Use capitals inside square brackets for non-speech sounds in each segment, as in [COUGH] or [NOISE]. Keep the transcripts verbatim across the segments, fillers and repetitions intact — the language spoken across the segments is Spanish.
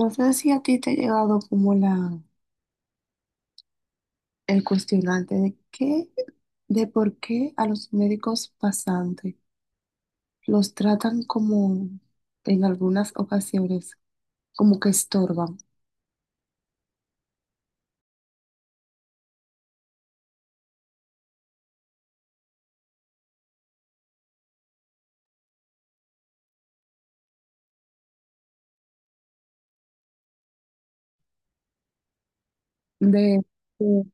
No sé si a ti te ha llegado como la, el cuestionante de qué, de por qué a los médicos pasantes los tratan como en algunas ocasiones como que estorban. De, de-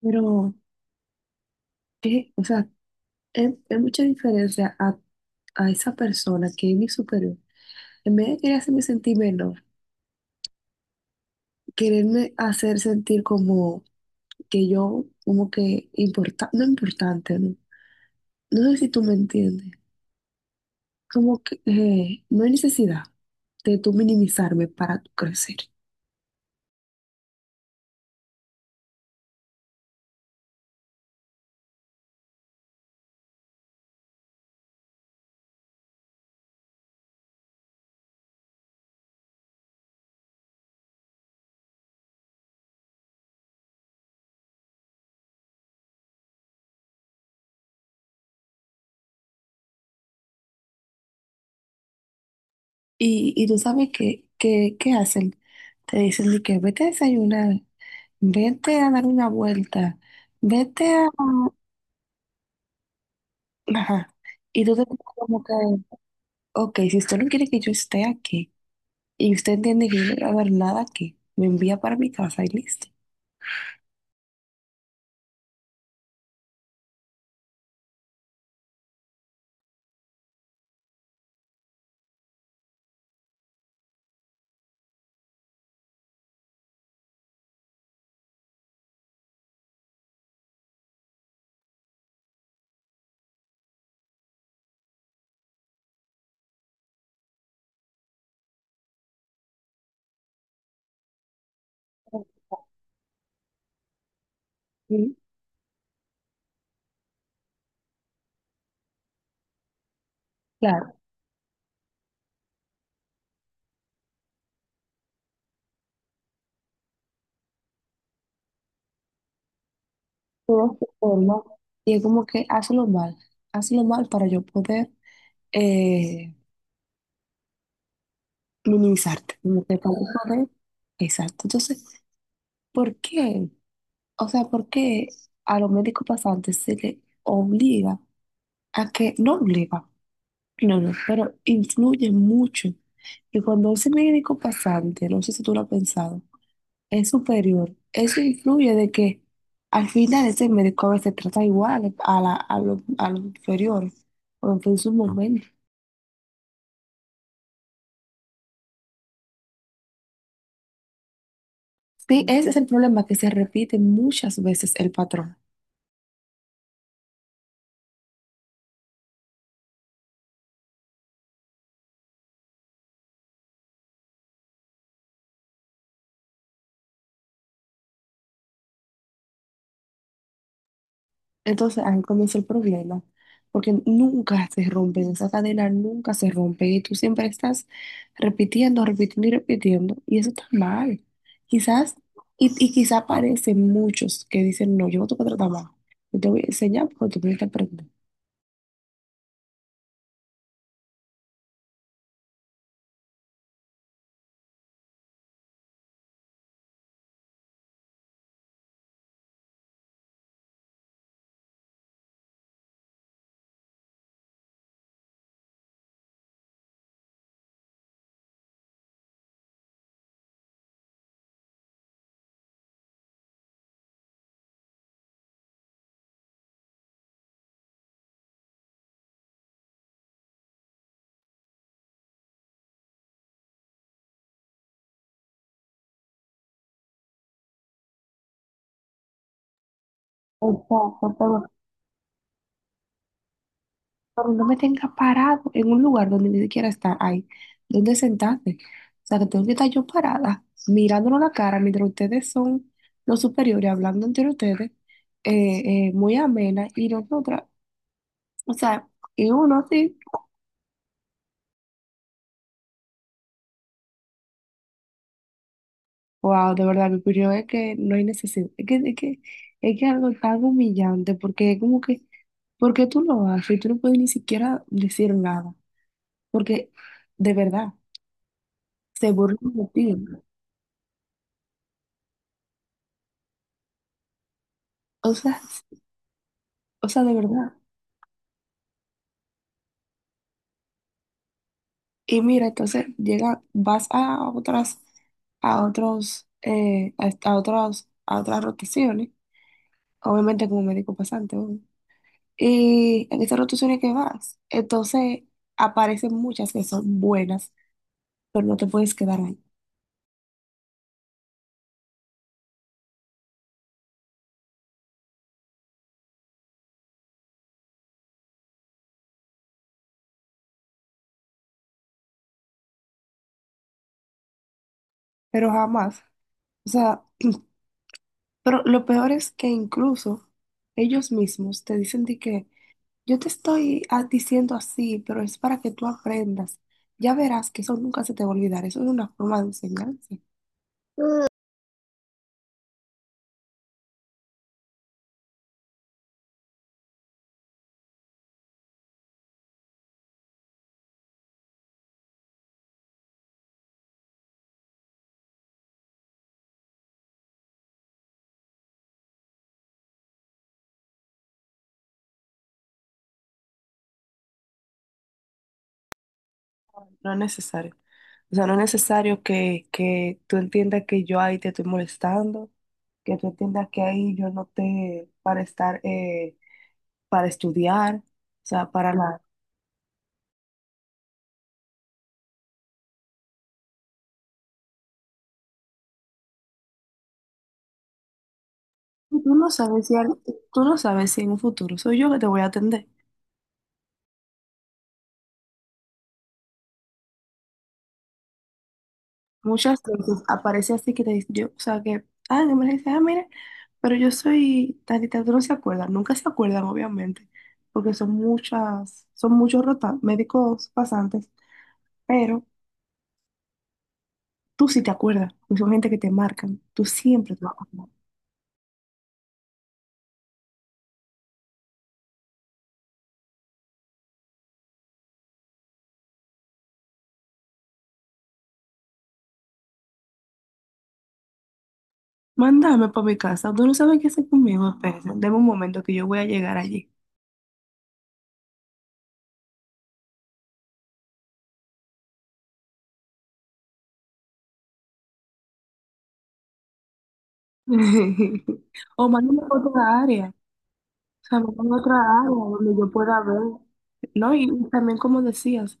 pero, ¿qué? O sea, es, es mucha diferencia a, a esa persona que es mi superior. En vez de querer hacerme sentir menor, quererme hacer sentir como que yo, como que importa, no importante, ¿no? No sé si tú me entiendes. Como que eh, no hay necesidad de tú minimizarme para tú crecer. Y, y tú sabes que, que, ¿qué hacen? Te dicen de que vete a desayunar, vete a dar una vuelta, vete a... Ajá. Y tú te pones como que, ok, si usted no quiere que yo esté aquí y usted entiende que yo no voy a ver nada aquí, me envía para mi casa y listo. Sí. Claro, todo se forma y es como que hazlo mal, hazlo mal para yo poder... eh, minimizarte, no te de... Exacto. Entonces, ¿por qué? O sea, ¿por qué a los médicos pasantes se les obliga a que, no obliga, no, no, pero influye mucho. Y cuando ese médico pasante, no sé si tú lo has pensado, es superior, eso influye de que al final ese médico a veces trata igual a, la, a, lo- a los inferiores, o en su momento. Sí, ese es el problema, que se repite muchas veces el patrón. Entonces ahí comienza el problema, porque nunca se rompen, esa cadena nunca se rompe y tú siempre estás repitiendo, repitiendo y repitiendo y eso está mal. Quizás, y, y quizás aparecen muchos que dicen, no, yo no te voy a tratar más, yo te voy a enseñar porque tú tienes que aprender. Exacto, favor, no me tenga parado en un lugar donde ni siquiera está ahí, donde sentarte. O sea, que tengo que estar yo parada, mirándonos la cara mientras ustedes son los superiores, hablando entre ustedes, eh, eh, muy amena, y nosotras, o sea, y uno así, wow, de verdad, mi opinión es que no hay necesidad, es que, es que, es que algo tan humillante, porque es como que, ¿por qué tú lo haces? Y tú no puedes ni siquiera decir nada, porque de verdad, se burlan de ti. O sea, o sea, de verdad. Y mira, entonces llega, vas a otras, a otros, eh, a, a otros, a otras rotaciones, obviamente como médico pasante, obvio. Y en esas rotaciones que vas, entonces aparecen muchas que son buenas, pero no te puedes quedar ahí. Pero jamás. O sea, pero lo peor es que incluso ellos mismos te dicen de que yo te estoy ah, diciendo así, pero es para que tú aprendas. Ya verás que eso nunca se te va a olvidar. Eso es una forma de enseñanza. No es necesario. O sea, no es necesario que, que tú entiendas que yo ahí te estoy molestando, que tú entiendas que ahí yo no te para estar, eh, para estudiar, o sea, para nada. Y tú no sabes si, al- tú no sabes si en un futuro soy yo que te voy a atender. Muchas veces aparece así que te dice, yo, o sea, que, ah, en emergencia, ah, mire, pero yo soy tantita, tú no se acuerdan, nunca se acuerdan, obviamente, porque son muchas, son muchos rota- médicos pasantes, pero. Tú sí te acuerdas, porque son gente que te marcan. Tú siempre te vas a acordar. Mándame para mi casa. Tú no sabes qué hacer conmigo, espérese. Deme un momento que yo voy a llegar allí. [LAUGHS] O mándame a otra área. O sea, mándame a otra área donde yo pueda ver. No, y también como decías,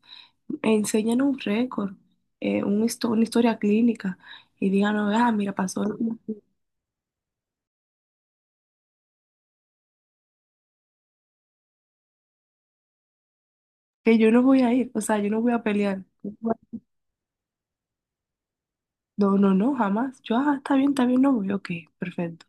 enseñan un récord, eh, un histo- una historia clínica y díganos, ah, mira, pasó esto". Que yo no voy a ir, o sea, yo no voy a pelear. No, no, no, jamás. Yo, ah, está bien, está bien, no voy, ok, perfecto.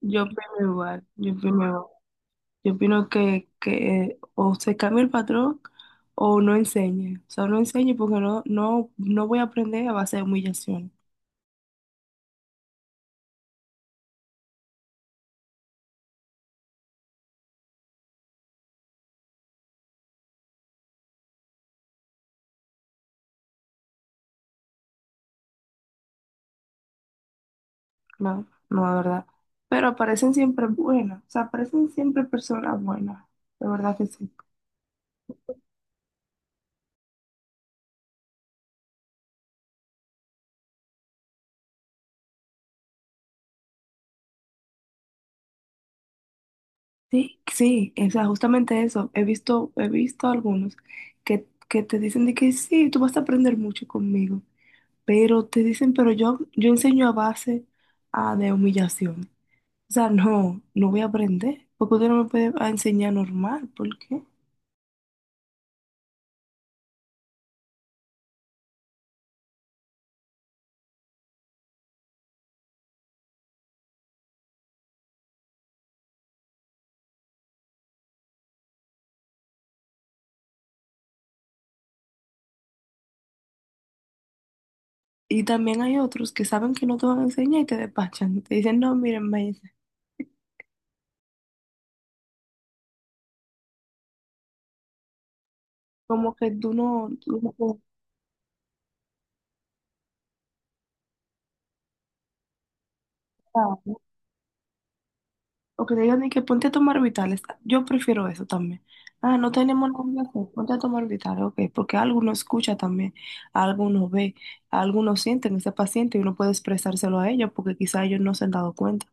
Yo opino igual, yo opino igual. Yo opino que, que o se cambia el patrón o no enseñe. O sea, no enseñe porque no, no, no voy a aprender a base de humillación. No, no, de verdad. Pero aparecen siempre buenas, o sea, aparecen siempre personas buenas. De verdad que sí. Sí, sí, o sea, justamente eso. He visto, he visto algunos que, que te dicen de que sí, tú vas a aprender mucho conmigo. Pero te dicen, pero yo, yo enseño a base ah, de humillación. O sea, no, no voy a aprender, porque usted no me puede a enseñar normal, ¿por qué? Y también hay otros que saben que no te van a enseñar y te despachan. Te dicen, no, miren, maestra, como que tú no, tú no puedes, ah, o que te digan de que ponte a tomar vitales. Yo prefiero eso también. Ah, no tenemos nada que hacer, ponte a tomar vitales, ok, porque algo uno escucha también, algo uno ve, algo uno siente en ese paciente y uno puede expresárselo a ellos porque quizá ellos no se han dado cuenta.